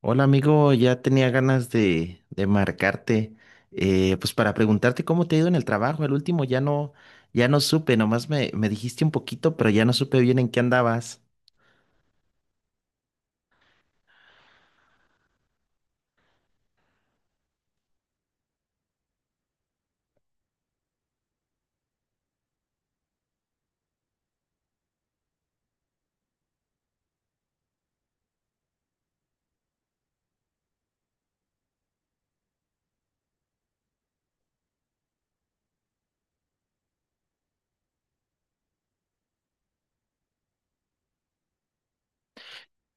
Hola amigo, ya tenía ganas de marcarte, pues para preguntarte cómo te ha ido en el trabajo. El último ya no supe, nomás me dijiste un poquito, pero ya no supe bien en qué andabas.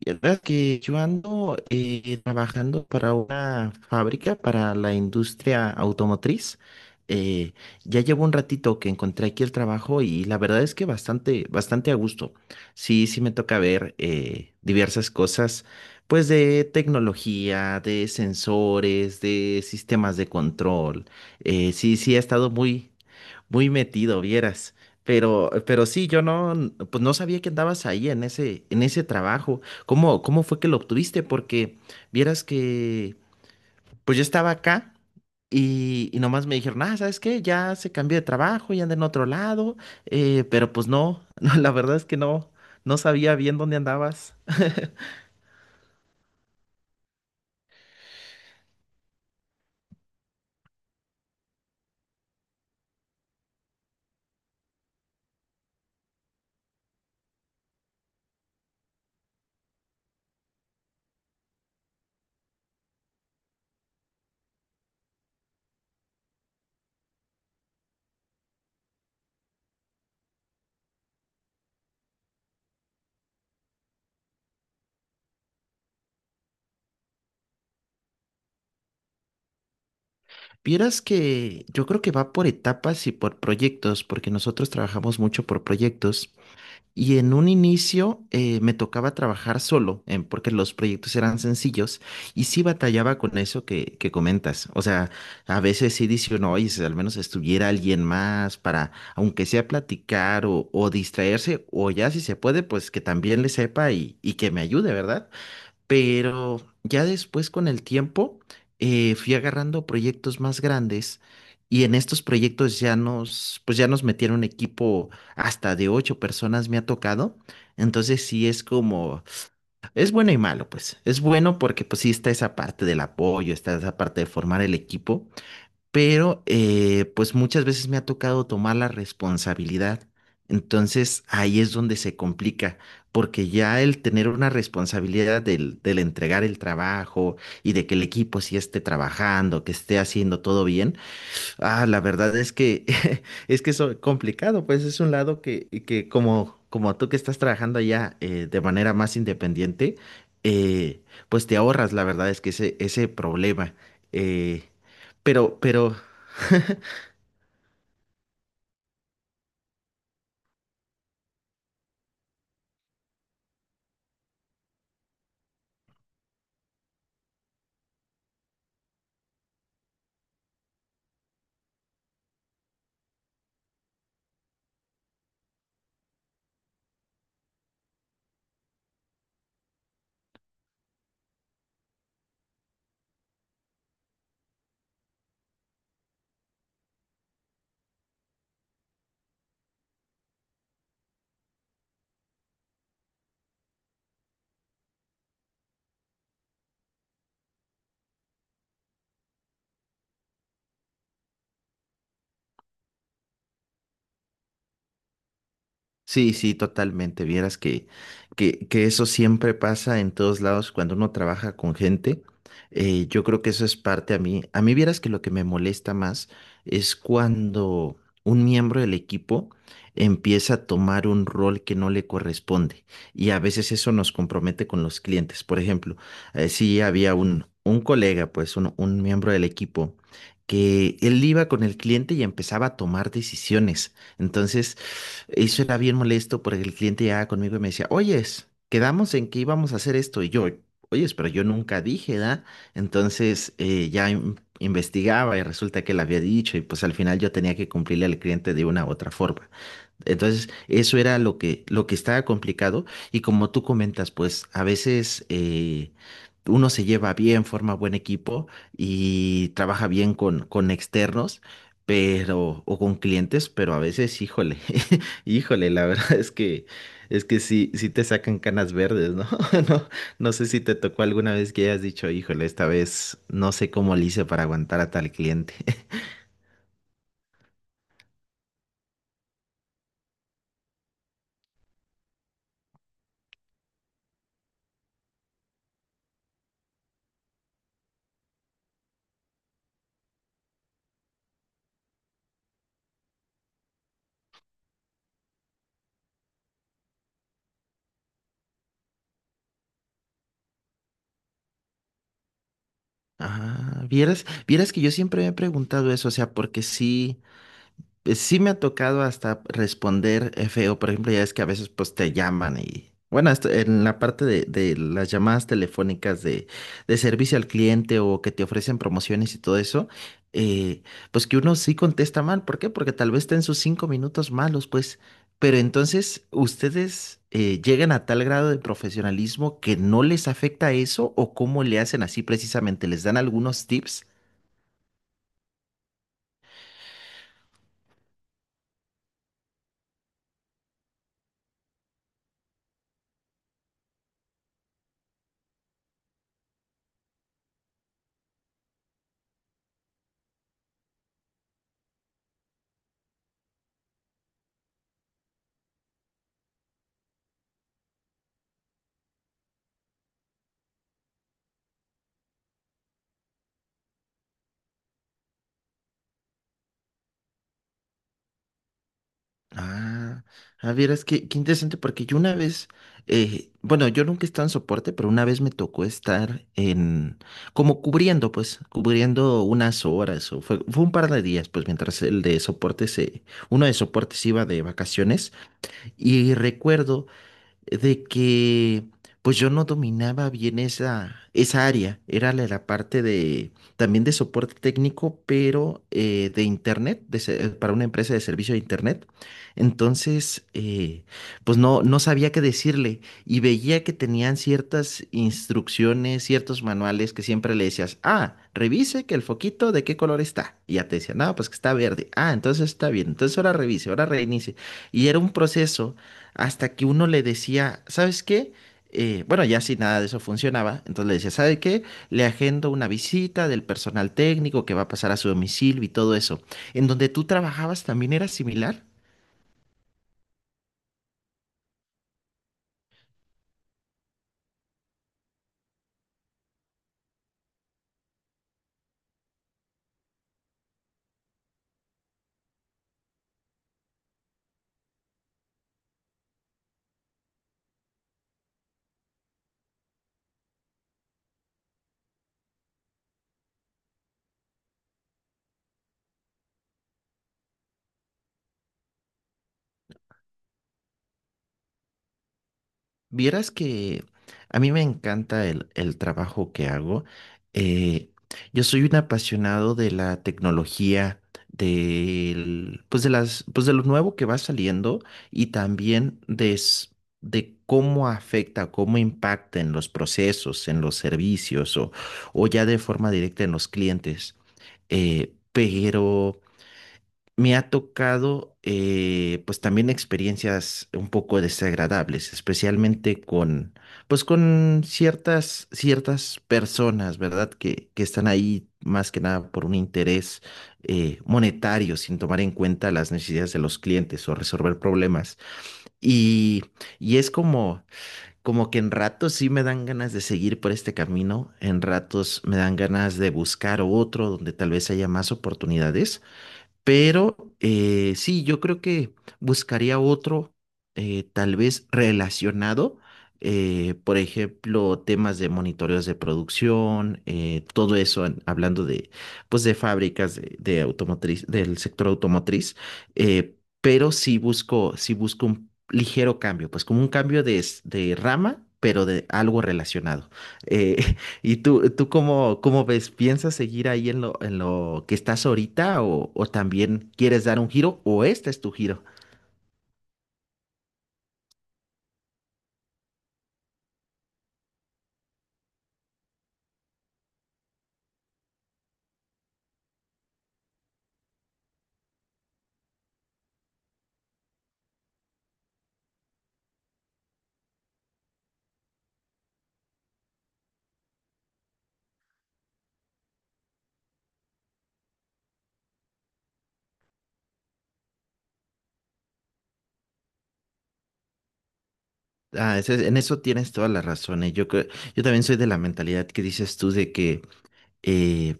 Vieras que yo ando trabajando para una fábrica, para la industria automotriz. Eh, ya llevo un ratito que encontré aquí el trabajo y la verdad es que bastante a gusto. Sí, sí me toca ver diversas cosas, pues de tecnología, de sensores, de sistemas de control. Sí, sí, ha estado muy metido, vieras. Pero sí, yo no, n- pues no sabía que andabas ahí en ese trabajo. ¿Cómo, cómo fue que lo obtuviste? Porque vieras que, pues yo estaba acá y nomás me dijeron, ah, ¿sabes qué? Ya se cambió de trabajo y anda en otro lado. Pero pues no, no, la verdad es que no sabía bien dónde andabas. Vieras que yo creo que va por etapas y por proyectos, porque nosotros trabajamos mucho por proyectos. Y en un inicio me tocaba trabajar solo, porque los proyectos eran sencillos y sí batallaba con eso que comentas. O sea, a veces sí dice uno, oye, si al menos estuviera alguien más para, aunque sea platicar o distraerse, o ya si se puede, pues que también le sepa y que me ayude, ¿verdad? Pero ya después con el tiempo fui agarrando proyectos más grandes y en estos proyectos pues ya nos metieron un equipo hasta de 8 personas me ha tocado. Entonces sí es bueno y malo, pues. Es bueno porque pues sí está esa parte del apoyo, está esa parte de formar el equipo, pero pues muchas veces me ha tocado tomar la responsabilidad. Entonces ahí es donde se complica, porque ya el tener una responsabilidad del entregar el trabajo y de que el equipo sí esté trabajando, que esté haciendo todo bien, ah, la verdad es que es que eso es complicado, pues es un lado que como, como tú que estás trabajando allá de manera más independiente, eh, pues te ahorras, la verdad es que ese problema. eh, pero, pero Sí, sí, totalmente. Vieras que eso siempre pasa en todos lados cuando uno trabaja con gente. Yo creo que eso es parte a mí. A mí vieras que lo que me molesta más es cuando un miembro del equipo empieza a tomar un rol que no le corresponde. Y a veces eso nos compromete con los clientes. Por ejemplo, sí había un colega, pues un miembro del equipo, que él iba con el cliente y empezaba a tomar decisiones. Entonces, eso era bien molesto porque el cliente llegaba conmigo y me decía, oyes, quedamos en que íbamos a hacer esto. Y yo, oyes, pero yo nunca dije, ¿da? Entonces investigaba y resulta que él había dicho y pues al final yo tenía que cumplirle al cliente de una u otra forma. Entonces, eso era lo que estaba complicado. Y como tú comentas, pues a veces uno se lleva bien, forma buen equipo y trabaja bien con externos, pero, o con clientes, pero a veces, híjole, híjole, la verdad es que sí, sí te sacan canas verdes, ¿no? No, no sé si te tocó alguna vez que hayas dicho, híjole, esta vez no sé cómo le hice para aguantar a tal cliente. Ah, vieras que yo siempre me he preguntado eso, o sea, porque sí. Pues sí me ha tocado hasta responder feo, por ejemplo, ya es que a veces pues te llaman y bueno, en la parte de las llamadas telefónicas de servicio al cliente o que te ofrecen promociones y todo eso, eh, pues que uno sí contesta mal, ¿por qué? Porque tal vez está en sus 5 minutos malos, pues, pero entonces ustedes llegan a tal grado de profesionalismo que no les afecta eso o cómo le hacen así precisamente, ¿les dan algunos tips? Ah, Es que, qué interesante, porque yo una vez, bueno, yo nunca he estado en soporte, pero una vez me tocó estar en, como cubriendo, pues, cubriendo unas horas, o fue un par de días, pues, mientras el de soporte se, uno de soportes iba de vacaciones, y recuerdo de que pues yo no dominaba bien esa área. Era la parte de también de soporte técnico, pero de internet, para una empresa de servicio de internet. Entonces, pues no, no sabía qué decirle y veía que tenían ciertas instrucciones, ciertos manuales que siempre le decías, ah, revise que el foquito de qué color está. Y ya te decía, no, pues que está verde. Ah, entonces está bien. Entonces ahora revise, ahora reinicie. Y era un proceso hasta que uno le decía, ¿sabes qué? Bueno, ya si nada de eso funcionaba, entonces le decía, ¿sabe qué? Le agendo una visita del personal técnico que va a pasar a su domicilio y todo eso. ¿En donde tú trabajabas también era similar? Vieras que a mí me encanta el trabajo que hago. Eh, yo soy un apasionado de la tecnología, del, pues de las, pues de lo nuevo que va saliendo y también de cómo afecta, cómo impacta en los procesos, en los servicios o ya de forma directa en los clientes. Pero me ha tocado pues también experiencias un poco desagradables, especialmente con pues con ciertas personas, ¿verdad? Que están ahí más que nada por un interés monetario, sin tomar en cuenta las necesidades de los clientes o resolver problemas. Y, y es como, como que en ratos sí me dan ganas de seguir por este camino, en ratos me dan ganas de buscar otro donde tal vez haya más oportunidades, pero sí, yo creo que buscaría otro, tal vez relacionado, por ejemplo, temas de monitoreos de producción, todo eso, hablando de, pues, de fábricas de automotriz, del sector automotriz, pero sí busco un ligero cambio, pues como un cambio de rama, pero de algo relacionado. Eh, ¿Y tú cómo, cómo ves? ¿Piensas seguir ahí en en lo que estás ahorita o también quieres dar un giro o este es tu giro? Ah, en eso tienes toda la razón. Yo también soy de la mentalidad que dices tú de que eh,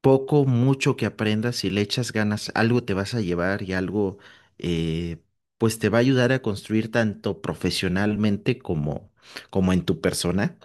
poco, mucho que aprendas, si le echas ganas, algo te vas a llevar y algo eh, pues te va a ayudar a construir tanto profesionalmente como, como en tu persona.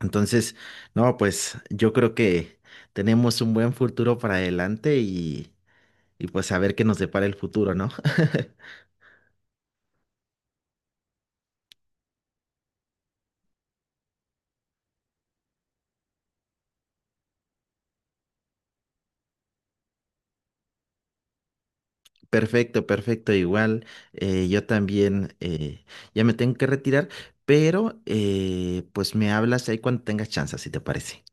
Entonces, no, pues yo creo que tenemos un buen futuro para adelante y pues a ver qué nos depara el futuro, ¿no? Perfecto, perfecto, igual. Yo también ya me tengo que retirar, pero pues me hablas ahí cuando tengas chance, si te parece.